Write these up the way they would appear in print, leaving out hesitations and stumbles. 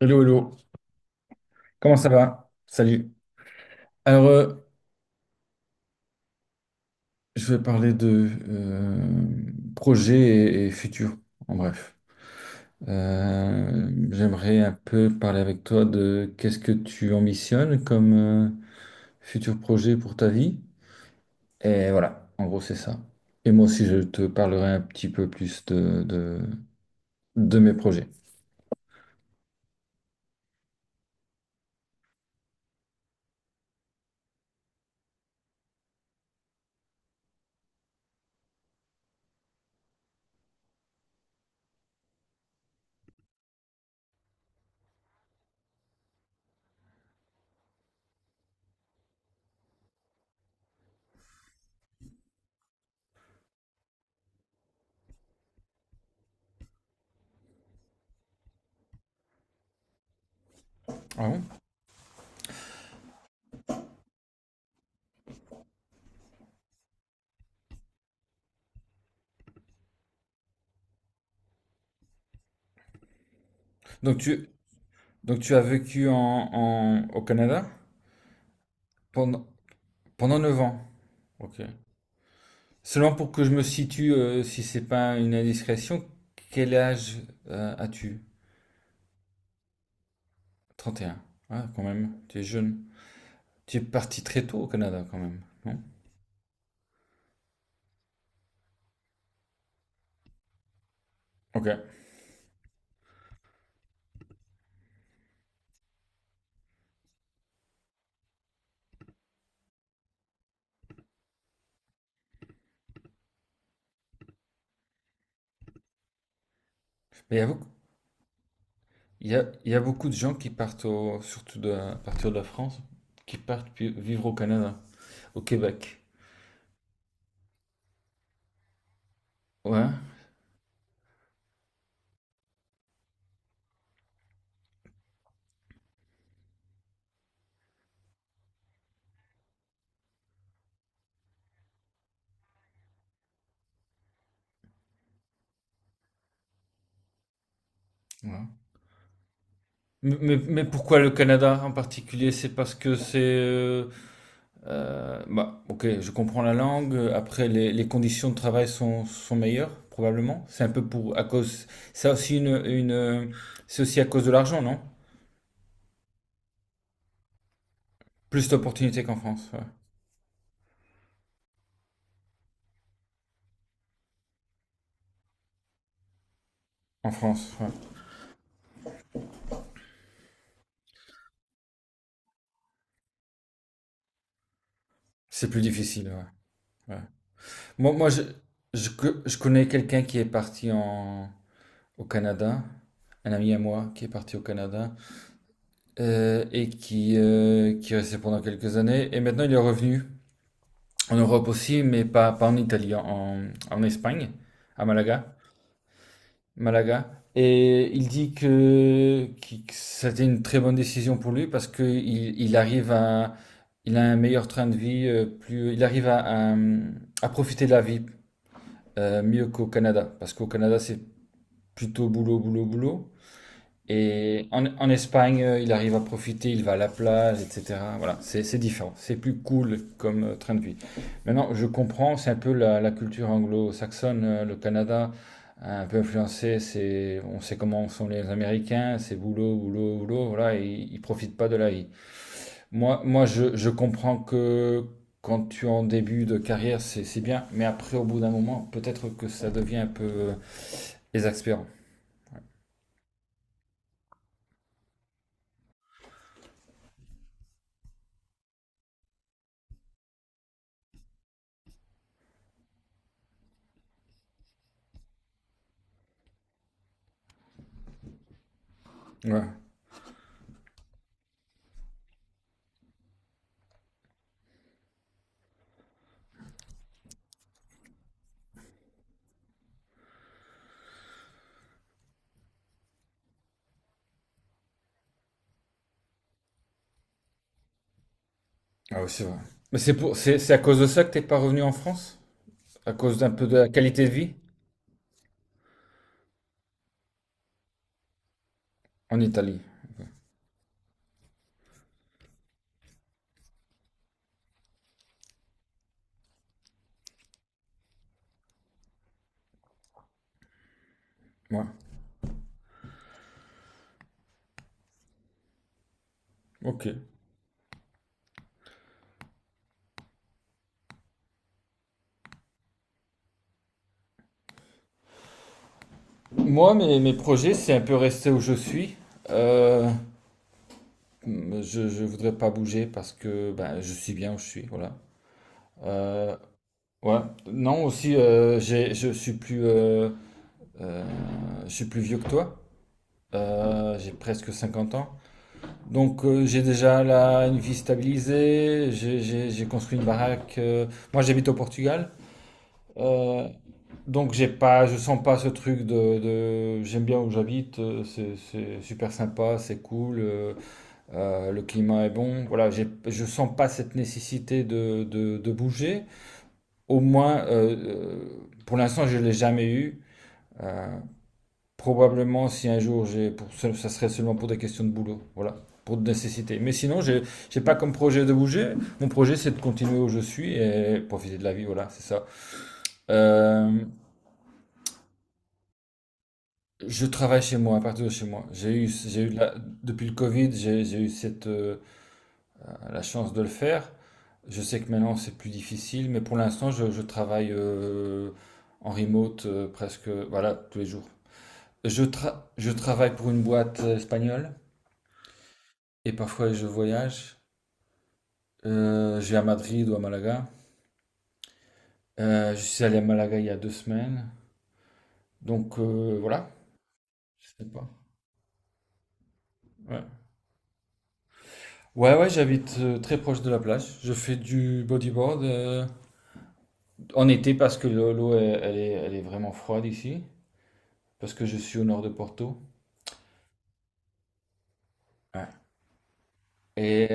Hello, hello. Comment ça va? Salut. Alors, je vais parler de projet et futur, en bref. J'aimerais un peu parler avec toi de qu'est-ce que tu ambitionnes comme futur projet pour ta vie. Et voilà, en gros, c'est ça. Et moi aussi, je te parlerai un petit peu plus de mes projets. Ah bon? Donc, tu, donc tu as vécu au Canada pendant, pendant 9 ans. Ok. Seulement pour que je me situe, si c'est pas une indiscrétion, quel âge as-tu? 31. Ah, quand même, tu es jeune. Tu es parti très tôt au Canada, quand même, non? Ok. Mais il y a beaucoup, il y a beaucoup de gens qui partent, surtout à partir de la France, qui partent vivre au Canada, au Québec. Ouais. Ouais. Mais pourquoi le Canada en particulier? C'est parce que c'est euh, bah, ok, je comprends la langue. Après, les conditions de travail sont meilleures, probablement. C'est un peu pour, à cause, c'est aussi c'est aussi à cause de l'argent, non? Plus d'opportunités qu'en France, ouais. En France, ouais. C'est plus difficile, ouais. Ouais. Moi, moi, je, co- Je connais quelqu'un qui est parti au Canada, un ami à moi qui est parti au Canada, et qui est resté pendant quelques années, et maintenant il est revenu. En Europe aussi, pas en Italie, en Espagne, à Malaga. Malaga. Et il dit que c'était une très bonne décision pour lui parce qu'il il arrive à, il a un meilleur train de vie, plus, il arrive à profiter de la vie mieux qu'au Canada. Parce qu'au Canada, c'est plutôt boulot, boulot, boulot. Et en Espagne, il arrive à profiter, il va à la plage, etc. Voilà, c'est différent, c'est plus cool comme train de vie. Maintenant, je comprends, c'est un peu la culture anglo-saxonne, le Canada, un peu influencé, c'est, on sait comment sont les Américains, c'est boulot, boulot, boulot, voilà, et ils profitent pas de la vie. Je comprends que quand tu es en début de carrière, c'est bien, mais après, au bout d'un moment, peut-être que ça devient un peu exaspérant. Ouais. Ah oui, c'est vrai. C'est à cause de ça que t'es pas revenu en France? À cause d'un peu de la qualité de vie en Italie. Ouais. Ok. Moi, mes projets, c'est un peu rester où je suis. Euh, je voudrais pas bouger parce que ben, je suis bien où je suis, voilà. Euh, ouais. Non, aussi, je suis euh, je suis plus vieux que toi. J'ai presque 50 ans. Donc, j'ai déjà là une vie stabilisée. J'ai construit une baraque. Euh, moi, j'habite au Portugal. Euh, donc j'ai pas, je sens pas ce truc j'aime bien où j'habite, c'est super sympa, c'est cool, le climat est bon. Voilà, j'ai, je sens pas cette nécessité de bouger. Au moins, pour l'instant, je l'ai jamais eu. Euh, probablement, si un jour ça ça serait seulement pour des questions de boulot, voilà, pour de nécessité. Mais sinon, j'ai pas comme projet de bouger. Mon projet, c'est de continuer où je suis et profiter de la vie. Voilà, c'est ça. Euh, Je travaille chez moi, à partir de chez moi. J'ai eu la- depuis le Covid, j'ai eu cette, la chance de le faire. Je sais que maintenant c'est plus difficile, mais pour l'instant je travaille en remote presque, voilà, tous les jours. Je travaille pour une boîte espagnole et parfois je voyage. Je vais à Madrid ou à Malaga. Je suis allé à Malaga il y a 2 semaines. Donc voilà, je sais pas. Ouais, ouais, ouais, j'habite très proche de la plage. Je fais du bodyboard. Euh, en été, parce que l'eau, l'eau, elle, elle est vraiment froide ici, parce que je suis au nord de Porto. Ouais. Et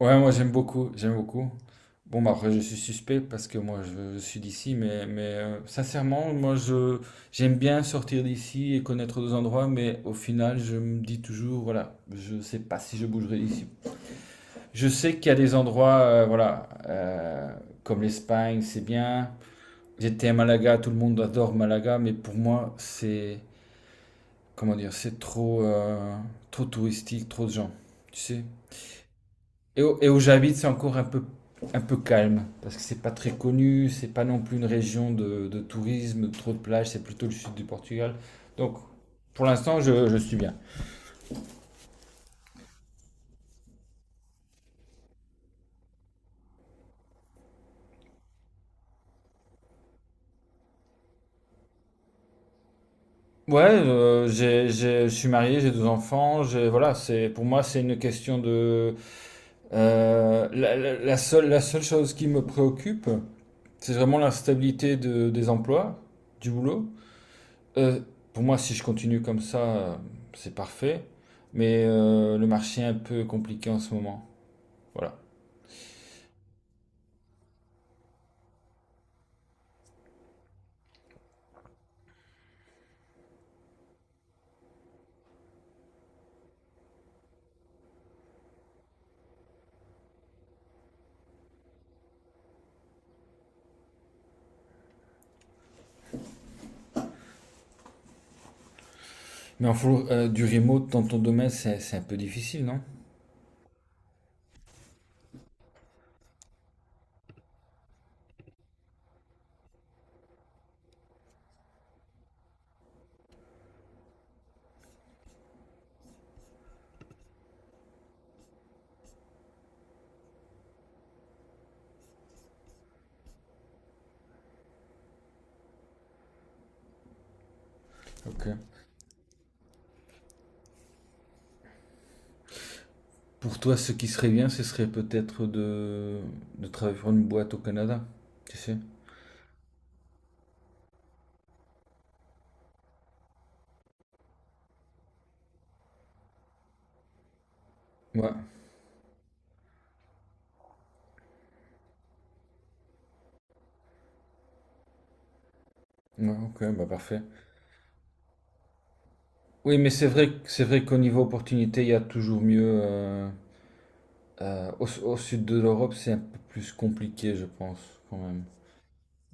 ouais, moi j'aime beaucoup, j'aime beaucoup. Bon, bah, après, je suis suspect parce que je suis d'ici, mais sincèrement, moi je j'aime bien sortir d'ici et connaître d'autres endroits, mais au final, je me dis toujours, voilà, je sais pas si je bougerai d'ici. Je sais qu'il y a des endroits, voilà, comme l'Espagne, c'est bien. J'étais à Malaga, tout le monde adore Malaga, mais pour moi, c'est comment dire, c'est trop, trop touristique, trop de gens, tu sais. Et où j'habite, c'est encore un peu calme, parce que c'est pas très connu, c'est pas non plus une région de tourisme, de trop de plages, c'est plutôt le sud du Portugal. Donc, pour l'instant, je suis bien. Ouais, je suis marié, j'ai 2 enfants, j'ai, voilà, c'est, pour moi, c'est une question de... la seule chose qui me préoccupe, c'est vraiment la stabilité des emplois, du boulot. Euh, pour moi, si je continue comme ça, euh, c'est parfait. Mais le marché est un peu compliqué en ce moment. Voilà. Mais en full, du remote dans ton domaine, c'est un peu difficile, non? Ok. Pour toi, ce qui serait bien, ce serait peut-être de travailler pour une boîte au Canada. Tu sais? Ouais. Ouais, ok, bah parfait. Oui, mais c'est vrai, c'est vrai qu'au niveau opportunité, il y a toujours mieux. Euh, au sud de l'Europe, c'est un peu plus compliqué, je pense, quand même.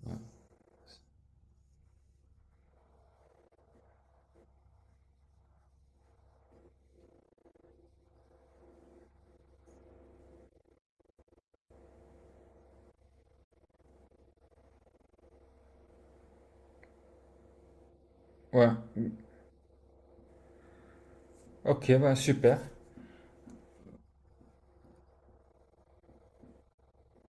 Ouais. Ouais. Ok, bah super.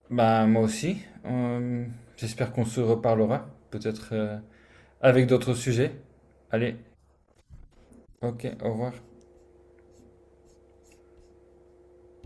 Bah, moi aussi. Euh, j'espère qu'on se reparlera, peut-être avec d'autres sujets. Allez, ok, au revoir.